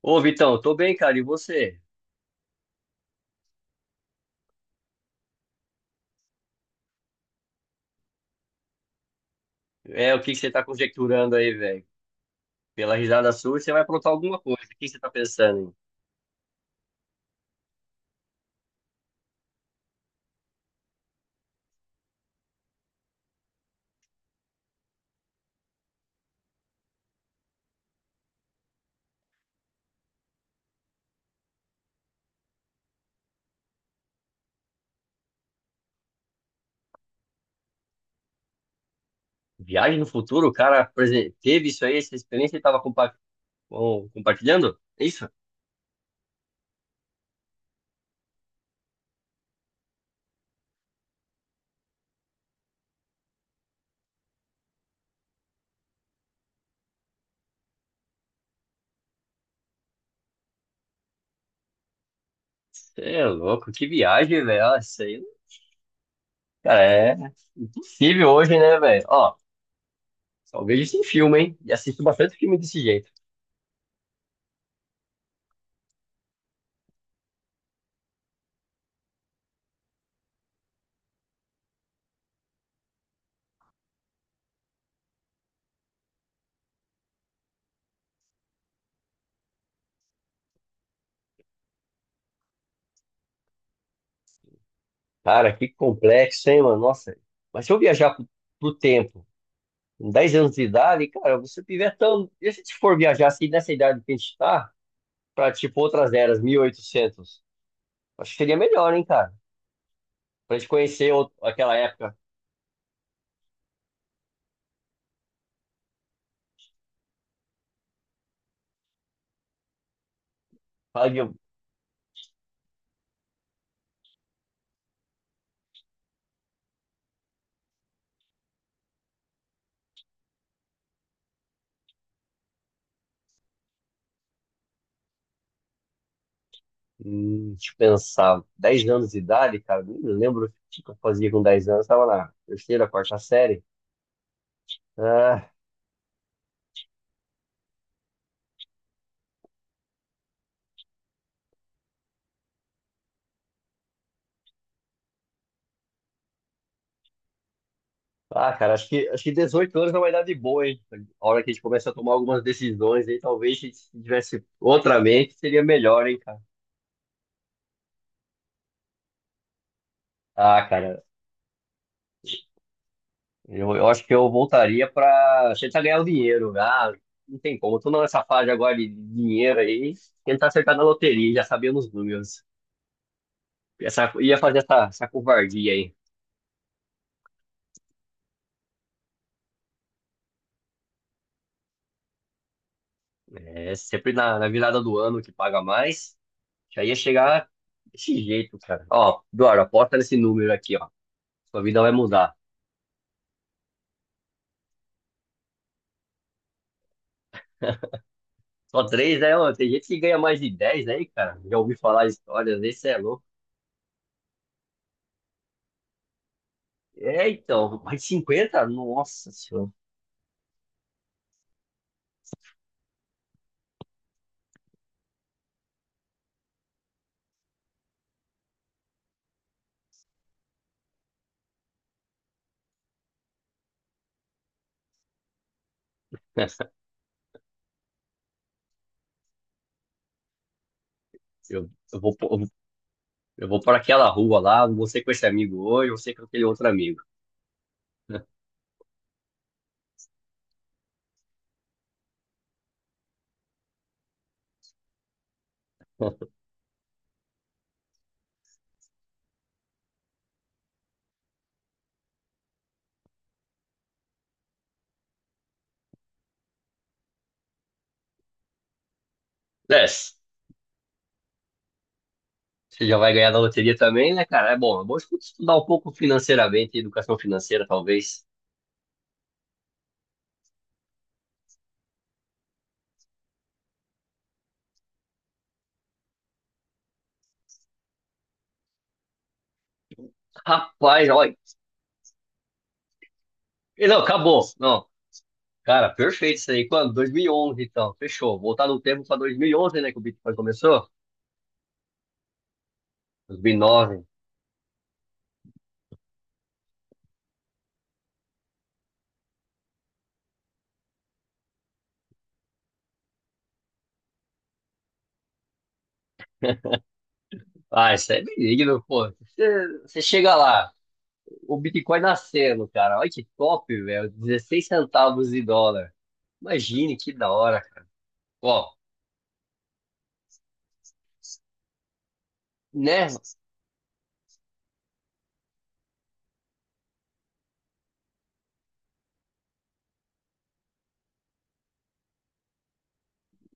Ô, Vitão, eu tô bem, cara. E você? É, o que que você tá conjecturando aí, velho? Pela risada sua, você vai aprontar alguma coisa. O que que você tá pensando em? Viagem no futuro? O cara teve isso aí, essa experiência e tava compartilhando? É isso? Você é louco, que viagem, velho. Ah, isso aí, cara, é impossível hoje, né, velho? Ó, só vejo isso em filme, hein? E assisto bastante filme desse jeito. Cara, que complexo, hein, mano? Nossa. Mas se eu viajar pro tempo, com 10 anos de idade, cara, você tiver tão. E se a gente for viajar assim nessa idade que a gente tá, pra tipo outras eras, 1800 acho que seria melhor, hein, cara? Pra gente conhecer aquela época. Fala de. Deixa eu pensar, 10 anos de idade, cara, nem lembro o que eu fazia com 10 anos, tava na terceira, quarta série. Ah, ah, cara, acho que 18 anos é uma idade boa, hein? A hora que a gente começa a tomar algumas decisões aí, talvez se tivesse outra mente, seria melhor, hein, cara? Ah, cara, eu acho que eu voltaria para tentar ganhar o dinheiro. Ah, não tem como. Tô nessa fase agora de dinheiro aí. Tentar acertar na loteria, já sabia os números. Ia fazer essa covardia aí. É sempre na virada do ano que paga mais. Já ia chegar desse jeito, cara. Ó, Eduardo, aposta nesse número aqui, ó. Sua vida vai mudar. Só três, né? Ó, tem gente que ganha mais de 10, aí, cara. Já ouvi falar histórias, esse é louco. É, então, mais de 50? Nossa senhora. Eu, eu vou, eu vou Eu vou para aquela rua lá, vou ser com esse amigo hoje, vou ser com aquele outro amigo. Desce. Você já vai ganhar da loteria também, né, cara? É bom estudar um pouco financeiramente, educação financeira, talvez. Rapaz, olha. Não, acabou. Não, cara, perfeito isso aí. Quando? 2011, então. Fechou. Voltar no tempo para 2011, né, que o Bitcoin começou? 2009. Ah, isso é benigno, pô. Você chega lá, o Bitcoin nascendo, cara. Olha que top, velho. 16 centavos de dólar. Imagine que da hora, cara. Ó, né?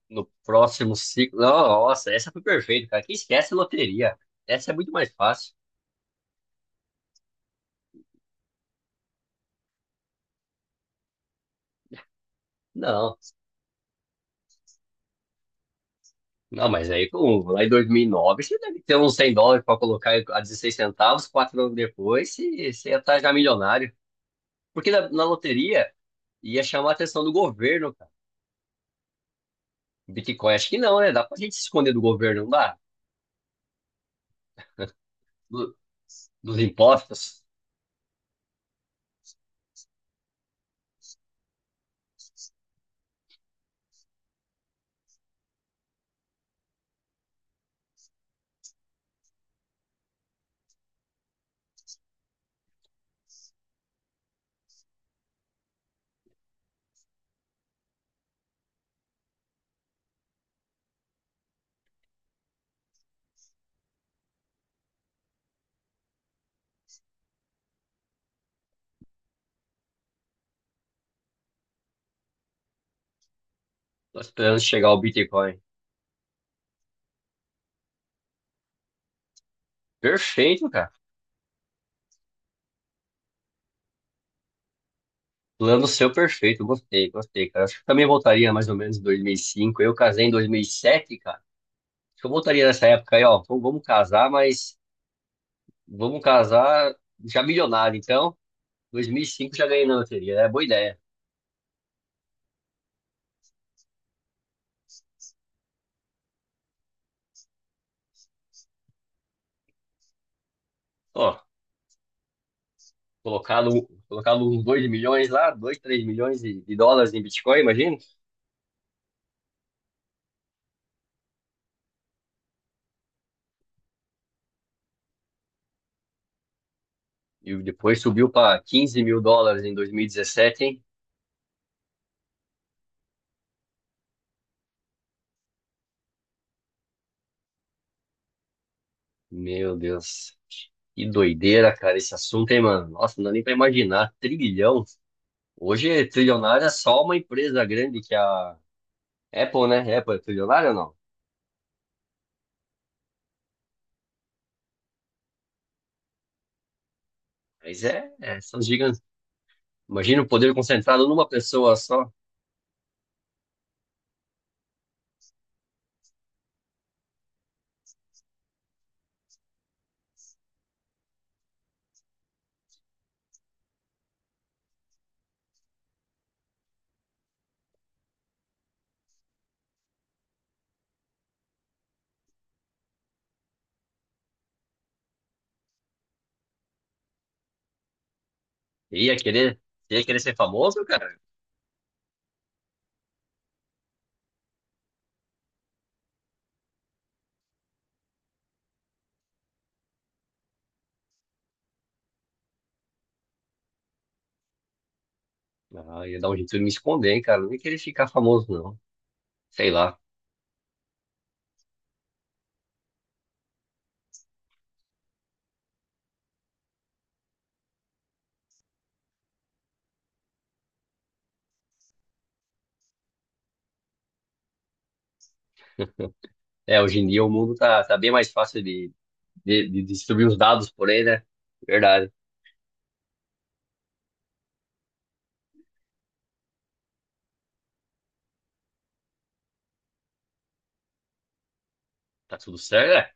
No próximo ciclo. Não, nossa, essa foi perfeita, cara. Quem esquece loteria? Essa é muito mais fácil. Não, não, mas aí lá em 2009 você deve ter uns 100 dólares para colocar a 16 centavos. 4 anos depois você ia estar já milionário. Porque na loteria ia chamar a atenção do governo, cara. Bitcoin, acho que não, né? Dá pra gente se esconder do governo, não dá? Do- Dos impostos. Tô esperando chegar o Bitcoin. Perfeito, cara. Plano seu perfeito, gostei, gostei, cara. Acho que eu também voltaria mais ou menos em 2005. Eu casei em 2007, cara. Acho que eu voltaria nessa época aí, ó. Vamos casar, mas vamos casar já milionário. Então, 2005 já ganhei na loteria, é boa ideia. Ó, colocado, colocar uns 2 milhões lá, 2, 3 milhões de dólares em Bitcoin, imagina. E depois subiu para 15 mil dólares em 2017, hein? Meu Deus. Que doideira, cara, esse assunto, hein, mano? Nossa, não dá nem pra imaginar. Trilhão. Hoje, trilionário é só uma empresa grande que é a Apple, né? Apple é trilionária ou não? Mas são gigantes. Imagina o poder concentrado numa pessoa só. Ia querer, ia querer ser famoso, cara? Ah, ia dar um jeito de me esconder, hein, cara? Não ia querer ficar famoso, não. Sei lá. É, hoje em dia o mundo tá bem mais fácil de distribuir os dados por aí, né? Verdade. Tá tudo certo, né?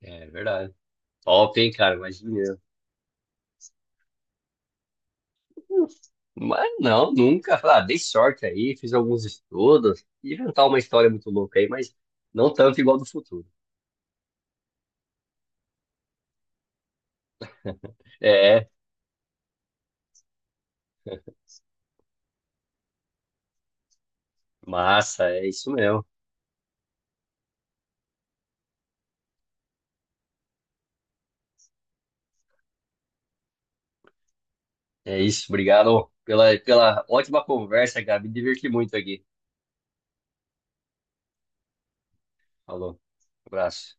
É verdade. Top, hein, cara? Imagina. Mas não, nunca. Falei, ah, dei sorte aí, fiz alguns estudos, inventar uma história muito louca aí, mas não tanto igual do futuro. É, massa, é isso mesmo. É isso, obrigado pela ótima conversa, Gabi. Me diverti muito aqui. Falou, abraço.